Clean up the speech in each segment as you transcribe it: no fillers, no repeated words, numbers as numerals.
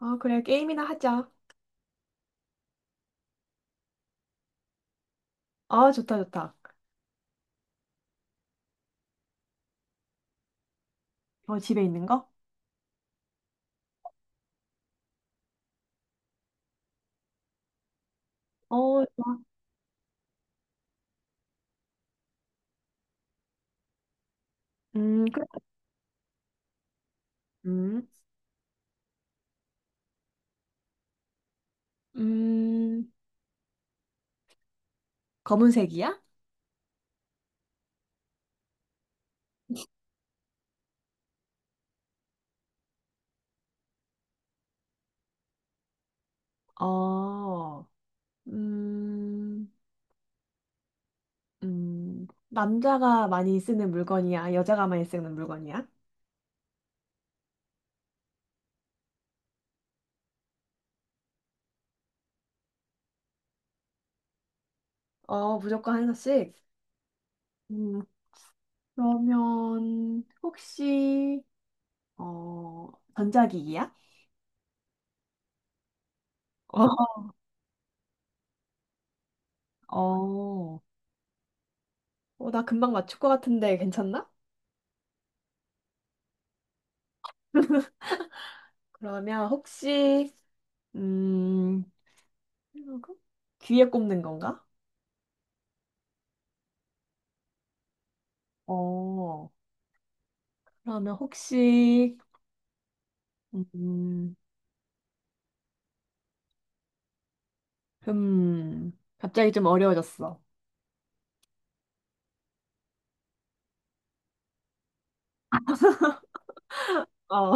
아, 그래. 게임이나 하자. 아, 좋다, 좋다. 어, 집에 있는 거? 어, 좋아. 그래. 음, 음, 검은색이야? 어, 음, 남자가 많이 쓰는 물건이야? 여자가 많이 쓰는 물건이야? 어, 무조건 하나씩. 음, 그러면, 혹시, 어, 전자기기야? 어, 어, 나 금방 맞출 것 같은데 괜찮나? 그러면 혹시, 음, 필러 귀에 꼽는 건가? 어, 그러면 혹시, 음, 갑자기 좀 어려워졌어. 어,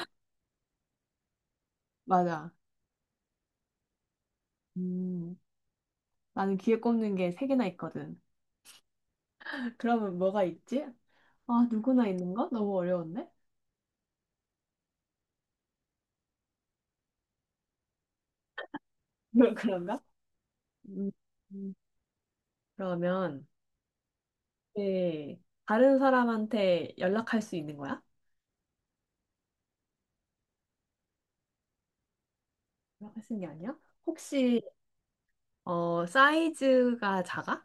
맞아. 음, 나는 귀에 꼽는 게 세 개나 있거든. 그러면 뭐가 있지? 아, 누구나 있는 거? 너무 어려운데? 그런가? 음, 음. 그러면 네. 다른 사람한테 연락할 수 있는 거야? 연락할 수 있는 게 아니야? 혹시 어, 사이즈가 작아?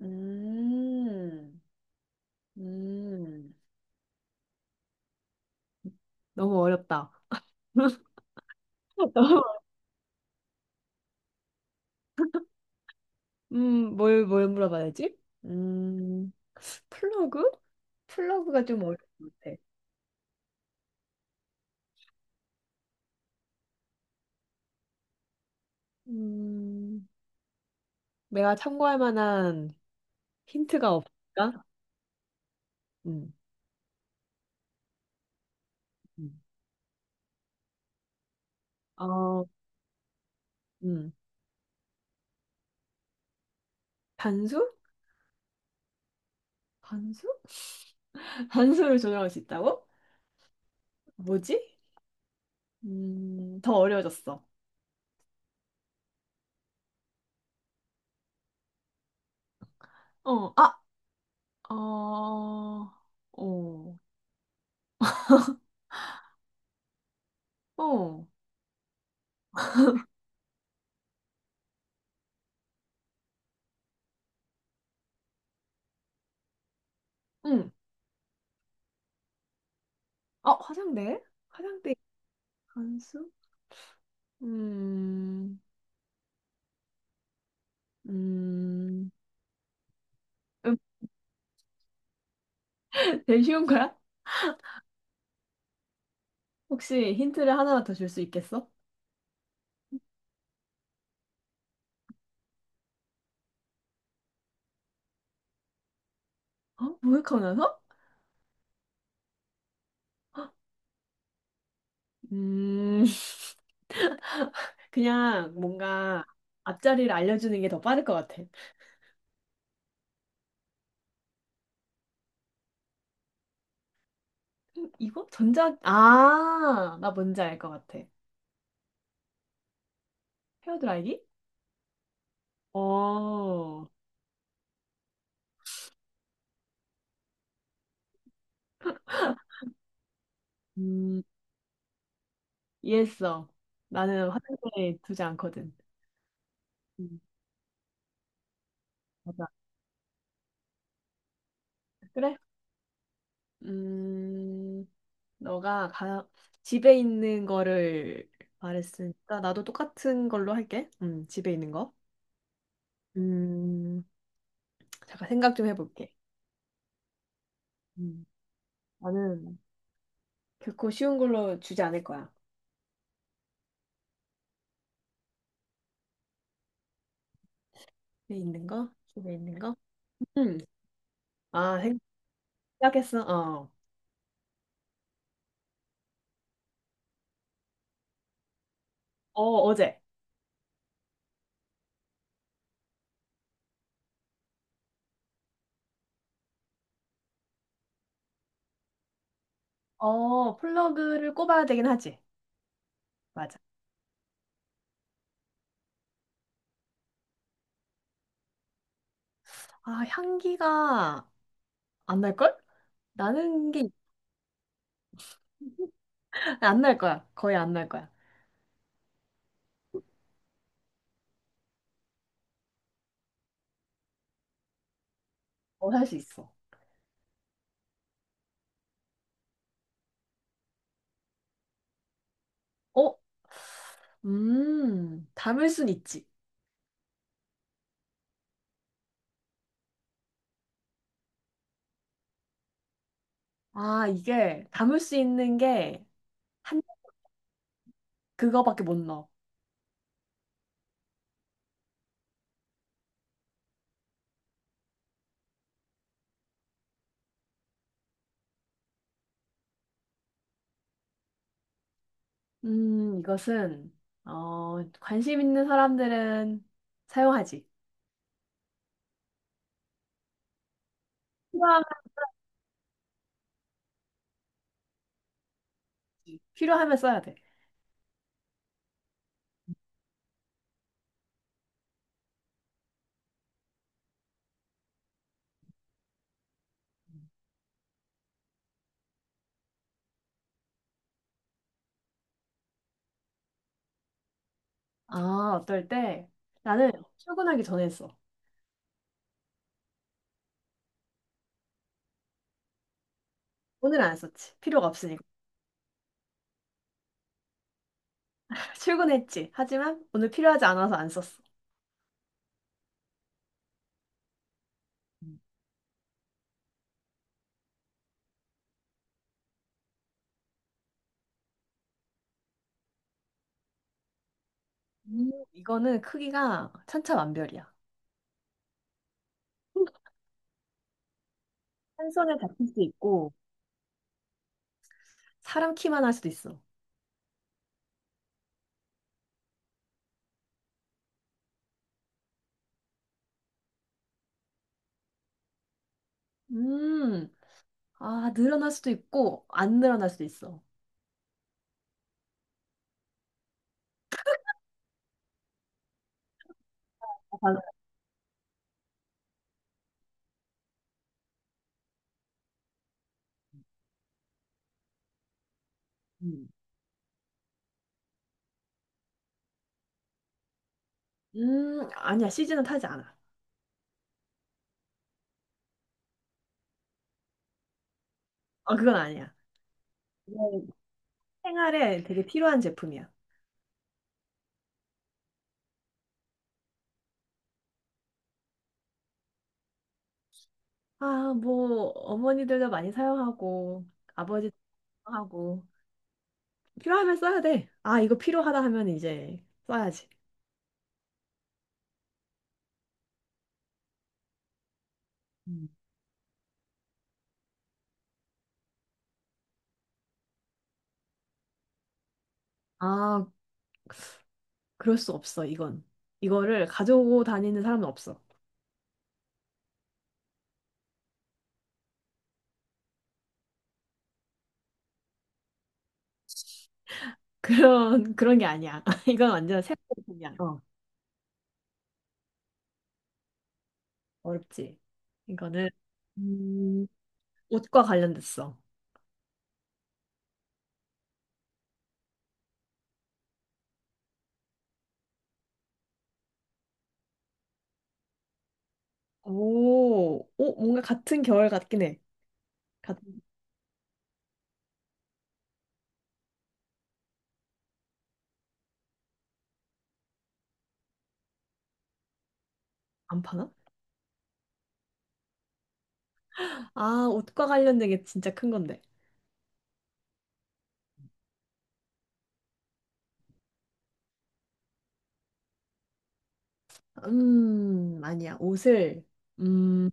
음, 음, 너무 어렵다. 너무, 뭘 물어봐야 되지? 음, 플러그? 플러그가 좀 어려운 것 같아. 음, 내가 참고할 만한 힌트가 없을까? 음, 음. 어, 음, 단수? 단수? 단수를 조정할 수 있다고? 뭐지? 더 어려워졌어. 어, 아, 어, 어, 어, 응. 어, 화장대? 화장대 단수? 음, 음, 음, 일 쉬운 거야? 혹시 힌트를 하나만 더 줄 수 있겠어? 어? 모욕하면서? 음, 그냥 뭔가 앞자리를 알려주는 게 더 빠를 것 같아. 이거? 전자, 아, 나 뭔지 알 것 같아. 헤어드라이기? 어, 음, 이해했어. 나는 화장실에 두지 않거든. 음, 맞아. 그래? 음, 너가 가, 집에 있는 거를 말했으니까 나도 똑같은 걸로 할게. 집에 있는 거. 음, 잠깐 생각 좀 해볼게. 음, 나는 결코 쉬운 걸로 주지 않을 거야. 집에 있는 거? 집에 있는 거? 음, 아, 생각했어. 어, 어, 어제. 어, 플러그를 꼽아야 되긴 하지. 맞아. 아, 향기가 안 날걸? 나는 게 안 날 거야. 거의 안 날 거야. 어, 할 수 있어. 어? 담을 순 있지. 아, 이게 담을 수 있는 게 한, 그거밖에 못 넣어. 이것은, 어, 관심 있는 사람들은 사용하지. 필요하, 필요하면 써야 돼. 아, 어떨 때 나는 출근하기 전에 써. 오늘 안 썼지. 필요가 없으니까. 출근했지. 하지만 오늘 필요하지 않아서 안 썼어. 이거는 크기가 천차만별이야. 한 손에 잡힐 수 있고, 사람 키만 할 수도 있어. 음, 아, 늘어날 수도 있고, 안 늘어날 수도 있어. 아, 맞아. 음, 아니야. 시즌은 타지 않아. 어, 그건 아니야. 이건 생활에 되게 필요한 제품이야. 아, 뭐, 어머니들도 많이 사용하고, 아버지도 사용하고, 필요하면 써야 돼. 아, 이거 필요하다 하면 이제 써야지. 음. 아, 그럴 수 없어, 이건. 이거를 가지고 다니는 사람은 없어. 그런 게 아니야. 이건 완전 새로운 제품이야. 어, 어렵지. 이거는. 음, 옷과 관련됐어. 오, 어, 뭔가 같은 계열 같긴 해. 같, 안 파나? 아, 옷과 관련된 게 진짜 큰 건데. 아니야. 옷을, 음,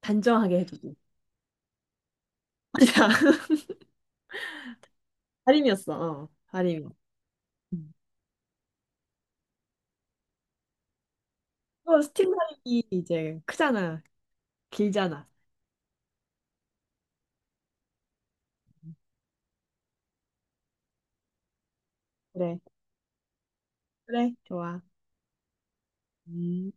단정하게 해주고. 맞아. 다림이었어. 어, 다림이. 음. 또 스팀 다림이 이제 크잖아. 길잖아. 그래. 그래. 좋아. 음.